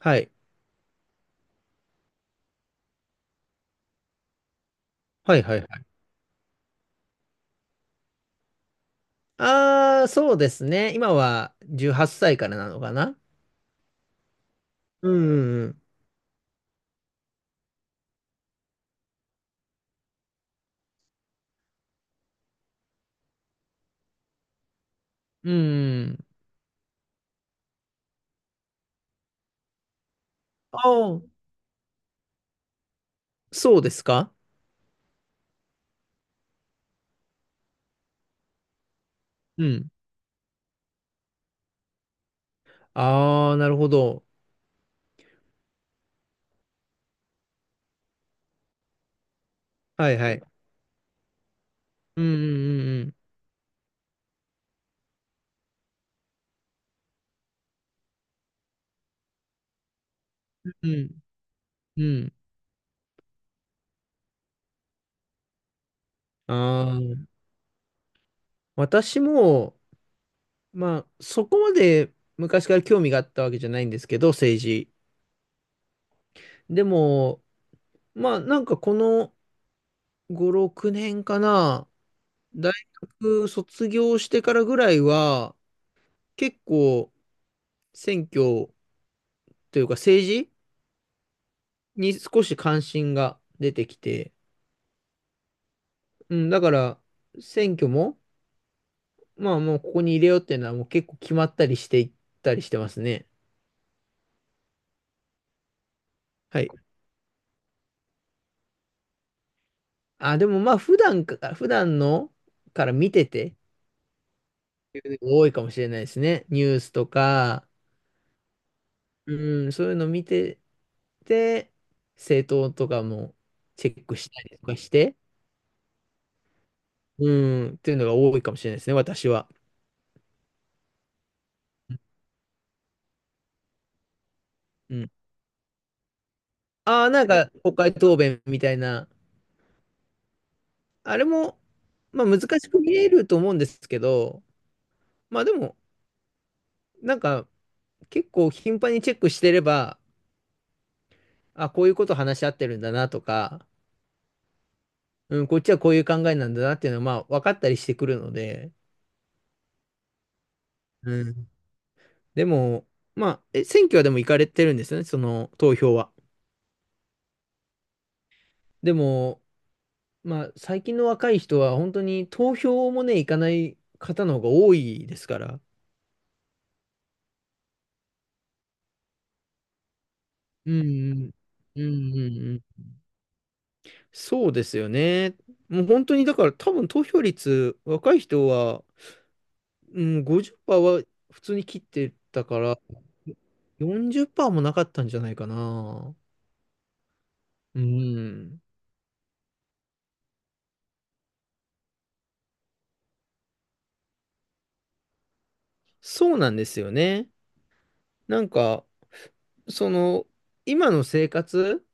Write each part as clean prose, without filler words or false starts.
はい。はいはいはい。ああ、そうですね。今は18歳からなのかな。うんうんうん。うん。ああ、そうですか。うん。ああ、なるほど。はいはい。うんうんうんうん。うん。うん。ああ、私も、まあ、そこまで昔から興味があったわけじゃないんですけど、政治。でも、まあ、なんかこの5、6年かな、大学卒業してからぐらいは、結構、選挙というか政治に少し関心が出てきて、うん、だから選挙も、まあもうここに入れようっていうのはもう結構決まったりしていったりしてますね。はい。あ、でもまあ普段のから見てて、多いかもしれないですね。ニュースとか、うん、そういうの見てて、政党とかもチェックしたりとかして、うん、っていうのが多いかもしれないですね、私は。うん。ああ、なんか国会答弁みたいなあれも、まあ難しく見えると思うんですけど、まあでも、なんか結構頻繁にチェックしてれば、あ、こういうこと話し合ってるんだなとか、うん、こっちはこういう考えなんだなっていうのはまあ分かったりしてくるので、うん。でも、まあ、選挙はでも行かれてるんですよね、その投票は。でも、まあ最近の若い人は本当に投票もね、行かない方の方が多いですから。うんうん。うんうんうん。そうですよね。もう本当にだから多分投票率若い人は、うん、50%は普通に切ってたから40%もなかったんじゃないかな。うん。そうなんですよね。なんかその今の生活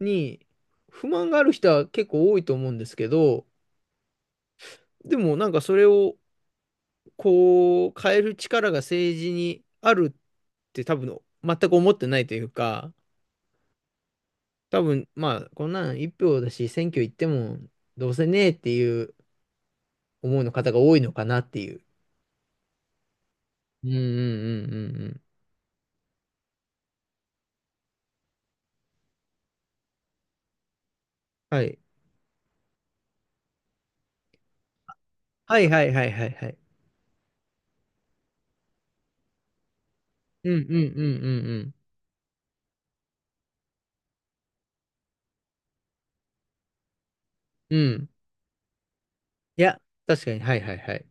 に不満がある人は結構多いと思うんですけど、でもなんかそれをこう変える力が政治にあるって多分全く思ってないというか、多分、まあ、こんなん一票だし、選挙行っても、どうせねえっていう思いの方が多いのかなっていう。うんうんうんうんうん。はい。はいはいはいはいはい。うんうんうんうんうん。うん。いや、確かに、はいはいはい。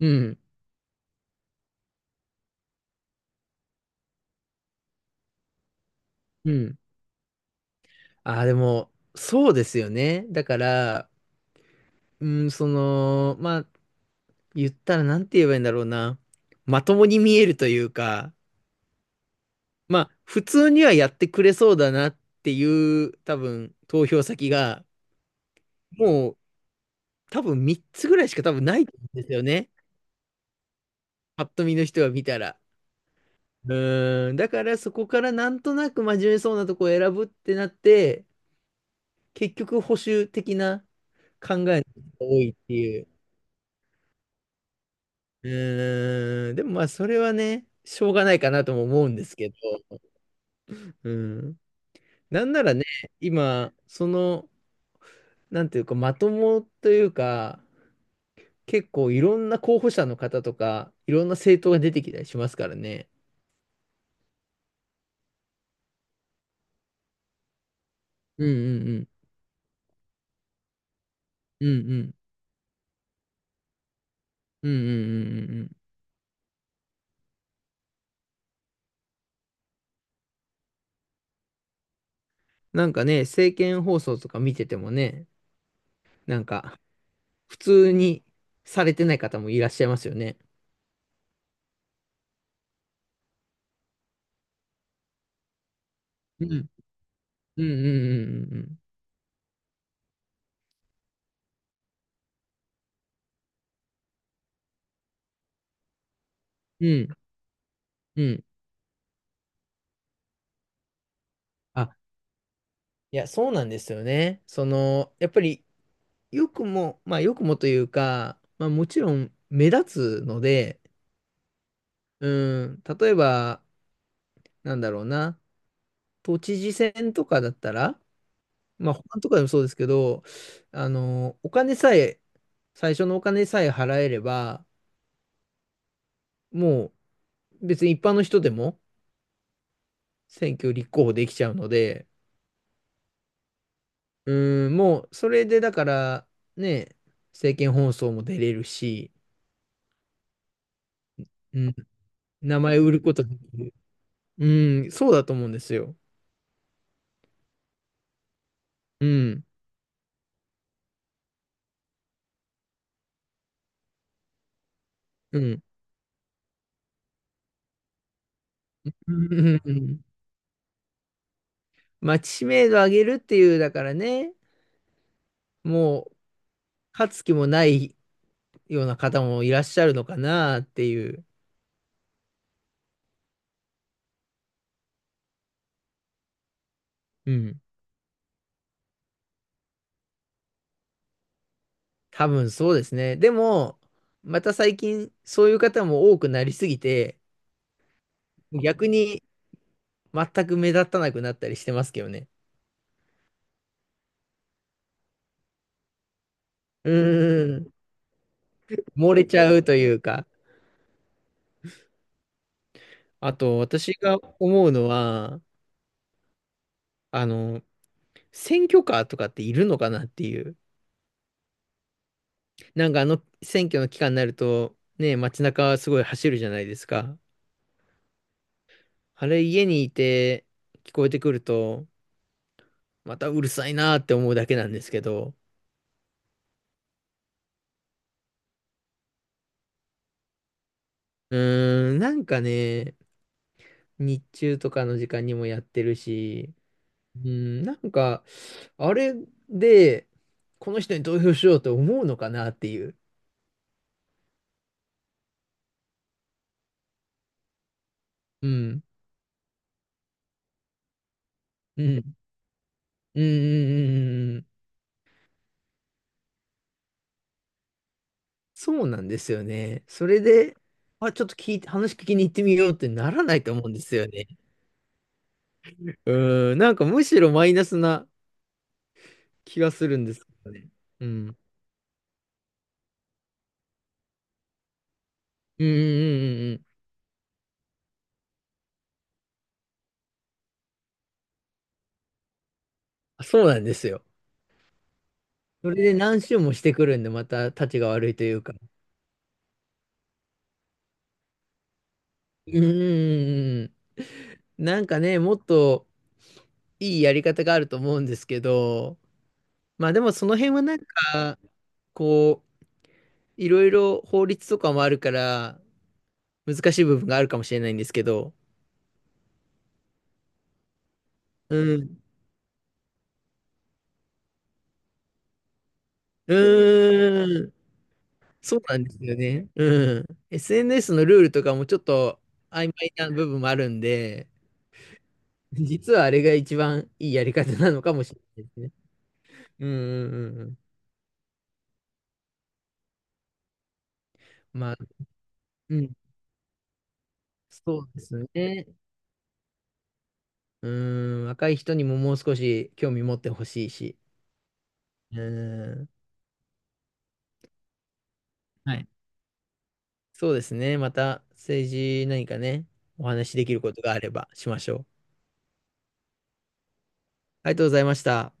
うん、うん。ああ、でも、そうですよね。だから、うん、その、まあ、言ったらなんて言えばいいんだろうな。まともに見えるというか、まあ、普通にはやってくれそうだなっていう、多分、投票先が、もう多分3つぐらいしか多分ないんですよね。パッと見の人は見たら。うーん。だからそこからなんとなく真面目そうなとこを選ぶってなって、結局保守的な人が多いっていう。うーん。でもまあそれはね、しょうがないかなとも思うんですけど。うん。なんならね、今、その、なんていうか、まともというか、結構いろんな候補者の方とか、いろんな政党が出てきたりしますからね。うんうんうん。うんうん。うんうんうんうんうん。なんかね、政見放送とか見ててもね、なんか、普通にされてない方もいらっしゃいますよね。うん。うんうんうんうんうん。うんうん。あ、いや、そうなんですよね。その、やっぱり、よくも、まあ、よくもというか、まあ、もちろん目立つので、うん、例えば、なんだろうな、都知事選とかだったら、まあ、保管とかでもそうですけど、あの、お金さえ、最初のお金さえ払えれば、もう別に一般の人でも選挙立候補できちゃうので、うん、もうそれでだから、ね、政見放送も出れるし、うん、名前売ることできる。うん、そうだと思うんですよ。うん、うん。うんうんうん。まあ、知名度上げるっていう、だからね、もう、勝つ気もないような方もいらっしゃるのかなっていう。うん。多分そうですね。でも、また最近、そういう方も多くなりすぎて、逆に全く目立たなくなったりしてますけどね。うーん、漏れちゃうというか。あと、私が思うのは、あの、選挙カーとかっているのかなっていう。なんかあの選挙の期間になると、ね、街中はすごい走るじゃないですか。あれ、家にいて聞こえてくると、またうるさいなって思うだけなんですけど。うーん、なんかね、日中とかの時間にもやってるし、うん、なんか、あれで、この人に投票しようと思うのかなっていう。うん、うん、うん、うん、うんうん。そうなんですよね。それで、あ、ちょっと聞いて、話聞きに行ってみようってならないと思うんですよね。うん、なんかむしろマイナスな気がするんですよね。うん、うん、うん、うんうん。あ、そうなんですよ。それで何周もしてくるんで、また、たちが悪いというか。うん、うん、うんうん。なんかね、もっといいやり方があると思うんですけど、まあでもその辺はなんか、こう、いろいろ法律とかもあるから、難しい部分があるかもしれないんですけど、うん。うーん。そうなんですよね。うん。SNS のルールとかもちょっと曖昧な部分もあるんで、実はあれが一番いいやり方なのかもしれないですね。うんうんうんうん。まあ、うん。そうですね。うーん、若い人にももう少し興味持ってほしいし。うーん、はい。そうですね。また政治何かね、お話しできることがあればしましょう。ありがとうございました。